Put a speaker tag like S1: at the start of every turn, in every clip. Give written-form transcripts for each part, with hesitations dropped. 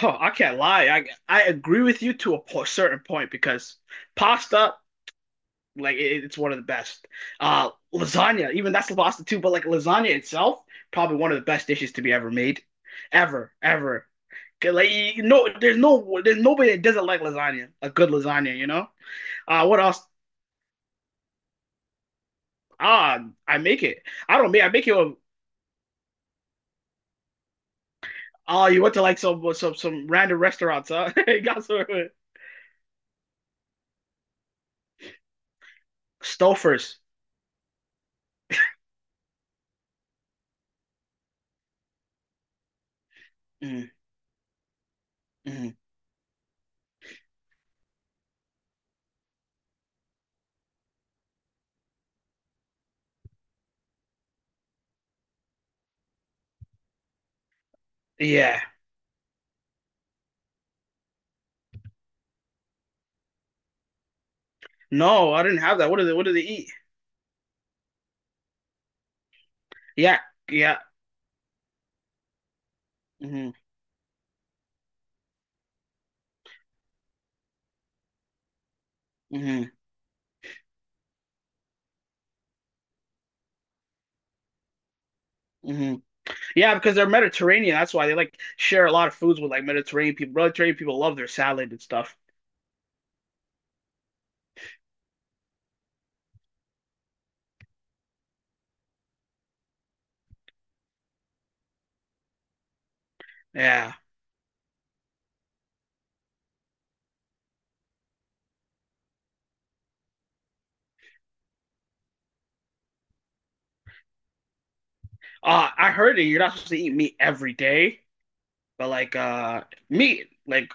S1: Oh, I can't lie. I agree with you to a po certain point because pasta, like it's one of the best. Lasagna, even that's the pasta too. But like lasagna itself, probably one of the best dishes to be ever made, ever, ever. 'Cause, like you no, there's no, there's nobody that doesn't like lasagna. A good lasagna. What else? I make it. I don't make. I make it. With, oh, you went to like some random restaurants, huh? You got some Stouffer's. Mm, mm. Yeah. No, I didn't have that. What do they? What do they eat? Yeah, yeah. Hmm. Hmm. Hmm. Yeah, because they're Mediterranean. That's why they like share a lot of foods with like Mediterranean people. Really, Mediterranean people love their salad and stuff. Yeah. I heard that you're not supposed to eat meat every day, but meat, like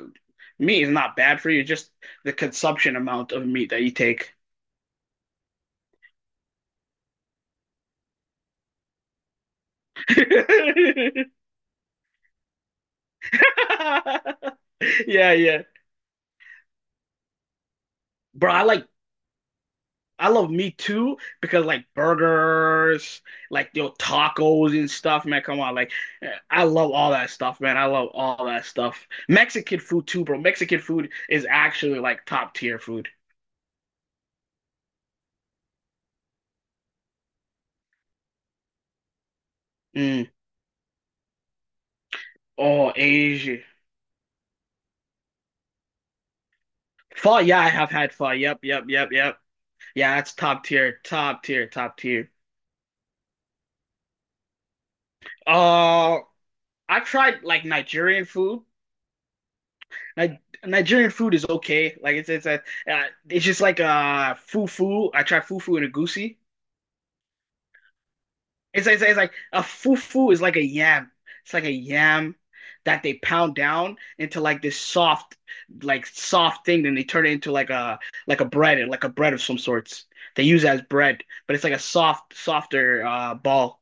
S1: meat is not bad for you. Just the consumption amount of meat that you take. Yeah, yeah. Bro, I like I love Me Too because like burgers, like your tacos and stuff, man. Come on, like I love all that stuff, man. I love all that stuff. Mexican food too, bro. Mexican food is actually like top tier food. Mm. Oh, Asia. Pho, yeah, I have had pho. Yep, yep, yep, yep. Yeah, that's top tier, top tier, top tier. Uh, I've tried like Nigerian food. Ni Nigerian food is okay. Like uh, it's just like fufu. I tried fufu and egusi. It's, like, it's, like, it's like a fufu is like a yam. It's like a yam that they pound down into like this soft, like soft thing. Then they turn it into like a bread of some sorts. They use it as bread, but it's like a soft, softer ball.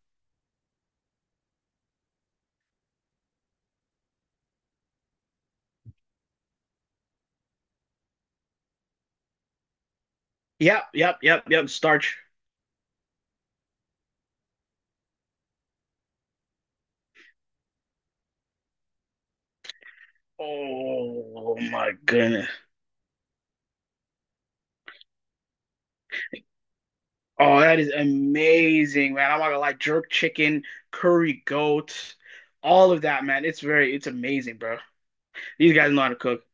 S1: Yep, yep, yep, yep. Starch. Oh my goodness. Oh, that is amazing, man. I'm not gonna lie. Jerk chicken, curry goat, all of that, man. It's very, it's amazing, bro. These guys know how to cook.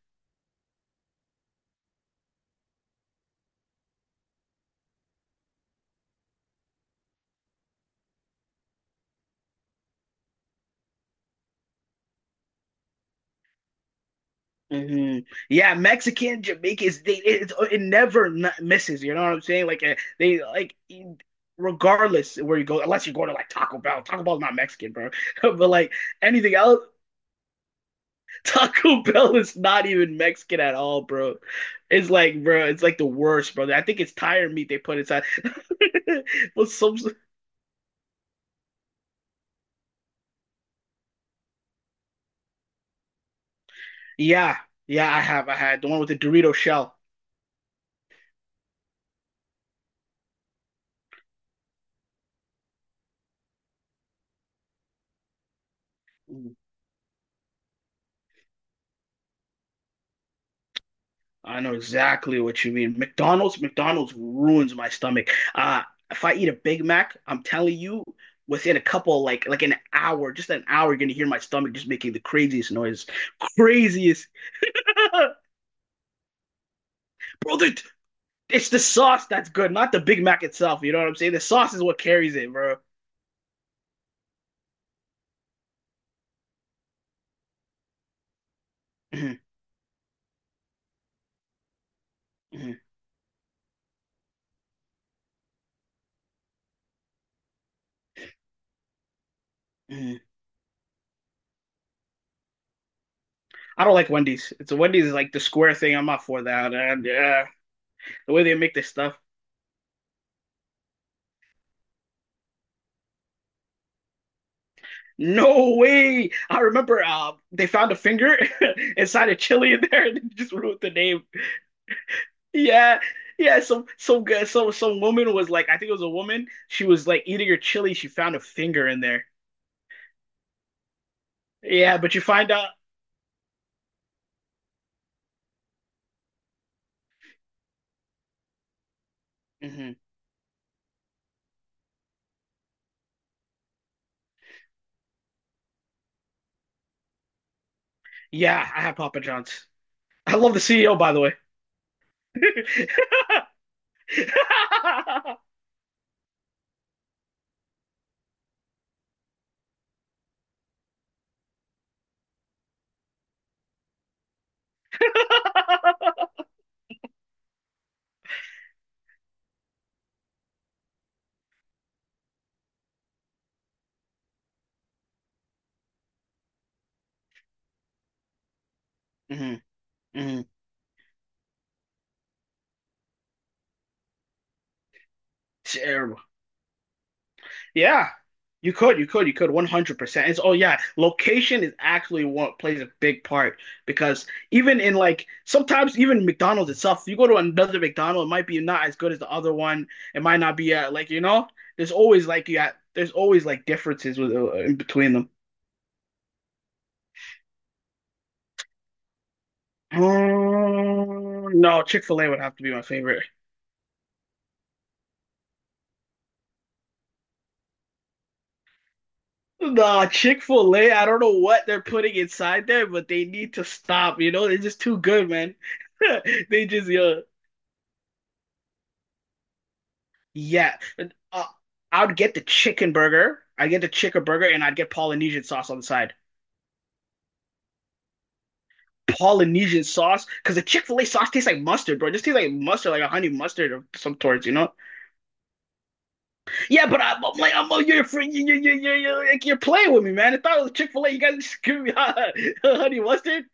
S1: Hmm. Yeah, Mexican, Jamaicans, they it never not misses. You know what I'm saying? Like eh, they like regardless where you go, unless you go to like Taco Bell. Taco Bell's not Mexican, bro. But like anything else, Taco Bell is not even Mexican at all, bro. It's like, bro, it's like the worst, brother. I think it's tire meat they put inside. But some, yeah, yeah, I have, I had the one with the Dorito shell. I know exactly what you mean. McDonald's, McDonald's ruins my stomach. Uh, if I eat a Big Mac, I'm telling you, within a couple like an hour, just an hour, you're gonna hear my stomach just making the craziest noise. Craziest, bro. The, it's the sauce that's good, not the Big Mac itself. You know what I'm saying? The sauce is what carries it, bro. Mhm, mhm, mhm. I don't like Wendy's. It's Wendy's is like the square thing. I'm not for that. And yeah, the way they make this stuff. No way! I remember they found a finger inside a chili in there and they just wrote the name. Yeah, yeah. Some good. Some woman was like, I think it was a woman. She was like eating her chili. She found a finger in there. Yeah, but you find out. Hmm. Yeah, I have Papa John's. I love the CEO, by the way. Hmm. Hmm. Terrible. Yeah, you could, 100%. It's, oh yeah, location is actually what plays a big part because even in like sometimes even McDonald's itself, you go to another McDonald's, it might be not as good as the other one. It might not be like you know, there's always like yeah, there's always like differences with in between them. No, Chick-fil-A would have to be my favorite. Nah, Chick-fil-A, I don't know what they're putting inside there, but they need to stop. You know, they're just too good, man. They just, yeah. Yeah, uh, I would get the chicken burger. I get the chicken burger, and I'd get Polynesian sauce on the side. Polynesian sauce, because the Chick-fil-A sauce tastes like mustard, bro. It just tastes like mustard, like a honey mustard of some sorts, you know? Yeah, but I'm oh, you're, free, you like, you're playing with me, man. I thought it was Chick-fil-A. You guys just give me honey mustard.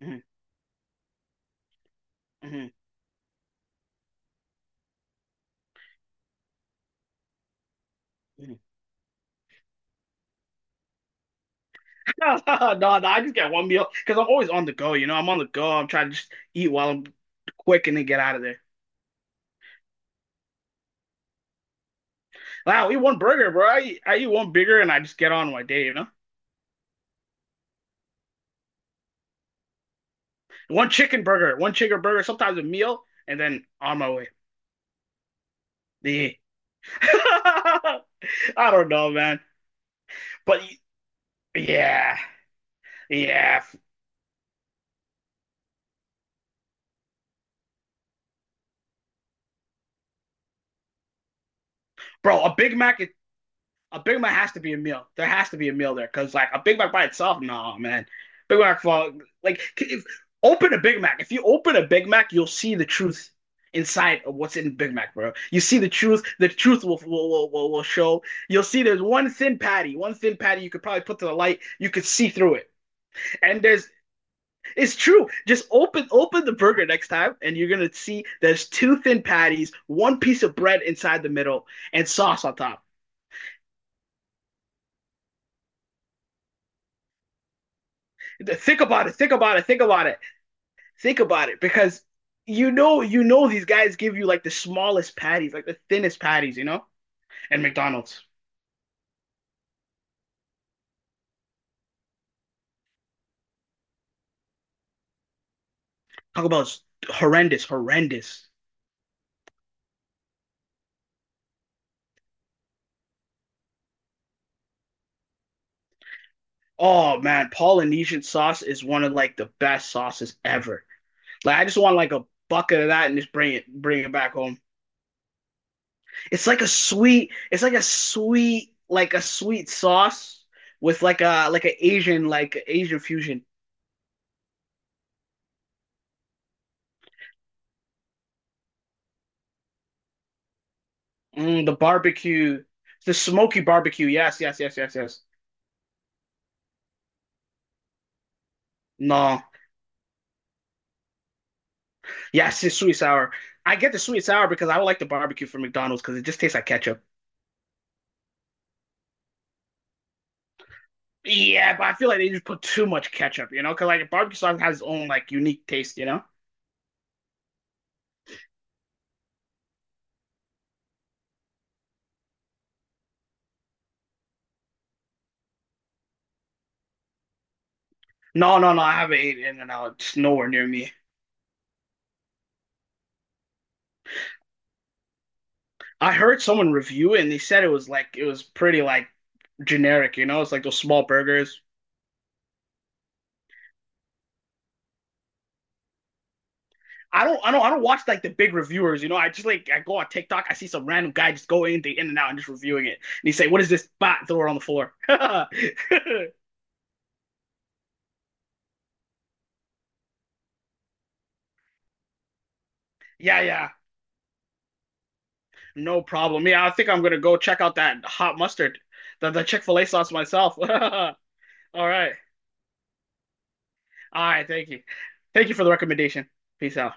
S1: Mhm, mhm, mhm. No, no, I just get one meal because I'm always on the go, you know. I'm on the go. I'm trying to just eat while I'm quick and then get out of there. Wow, I eat one burger, bro. I eat one bigger and I just get on my day, you know? One chicken burger, sometimes a meal, and then on my way. Yeah. I don't know, man. But yeah, yeah. Bro, a Big Mac is a Big Mac has to be a meal. There has to be a meal there because like a Big Mac by itself, no man. Big Mac for like if open a Big Mac. If you open a Big Mac, you'll see the truth inside of what's in Big Mac, bro. You see the truth. The truth will show. You'll see there's one thin patty you could probably put to the light. You could see through it. And there's it's true. Just open the burger next time, and you're gonna see there's two thin patties, one piece of bread inside the middle, and sauce on top. Think about it. Think about it. Think about it. Think about it, because you know, these guys give you like the smallest patties, like the thinnest patties, you know. And McDonald's, Taco Bell's horrendous, horrendous. Oh man, Polynesian sauce is one of like the best sauces ever. Like I just want like a bucket of that and just bring it back home. It's like a sweet, it's like a sweet sauce with like a like an Asian, like Asian fusion. Mm, the barbecue, the smoky barbecue. Yes, yes, yes, yes, yes. No, yes, it's sweet sour. I get the sweet sour because I would like the barbecue from McDonald's because it just tastes like ketchup. Yeah, but I feel like they just put too much ketchup, you know? Because like barbecue sauce has its own like unique taste, you know? No, no, no. I haven't ate In-N-Out. It's nowhere near me. I heard someone review it and they said it was like it was pretty like generic, you know? It's like those small burgers. I don't watch like the big reviewers, you know. I just like I go on TikTok, I see some random guy just go in the In and Out and just reviewing it, and he say, "What is this?" Bat throw it on the floor. Yeah, yeah. No problem. Yeah, I think I'm gonna go check out that hot mustard, the Chick-fil-A sauce myself. All right. All right, thank you. Thank you for the recommendation. Peace out.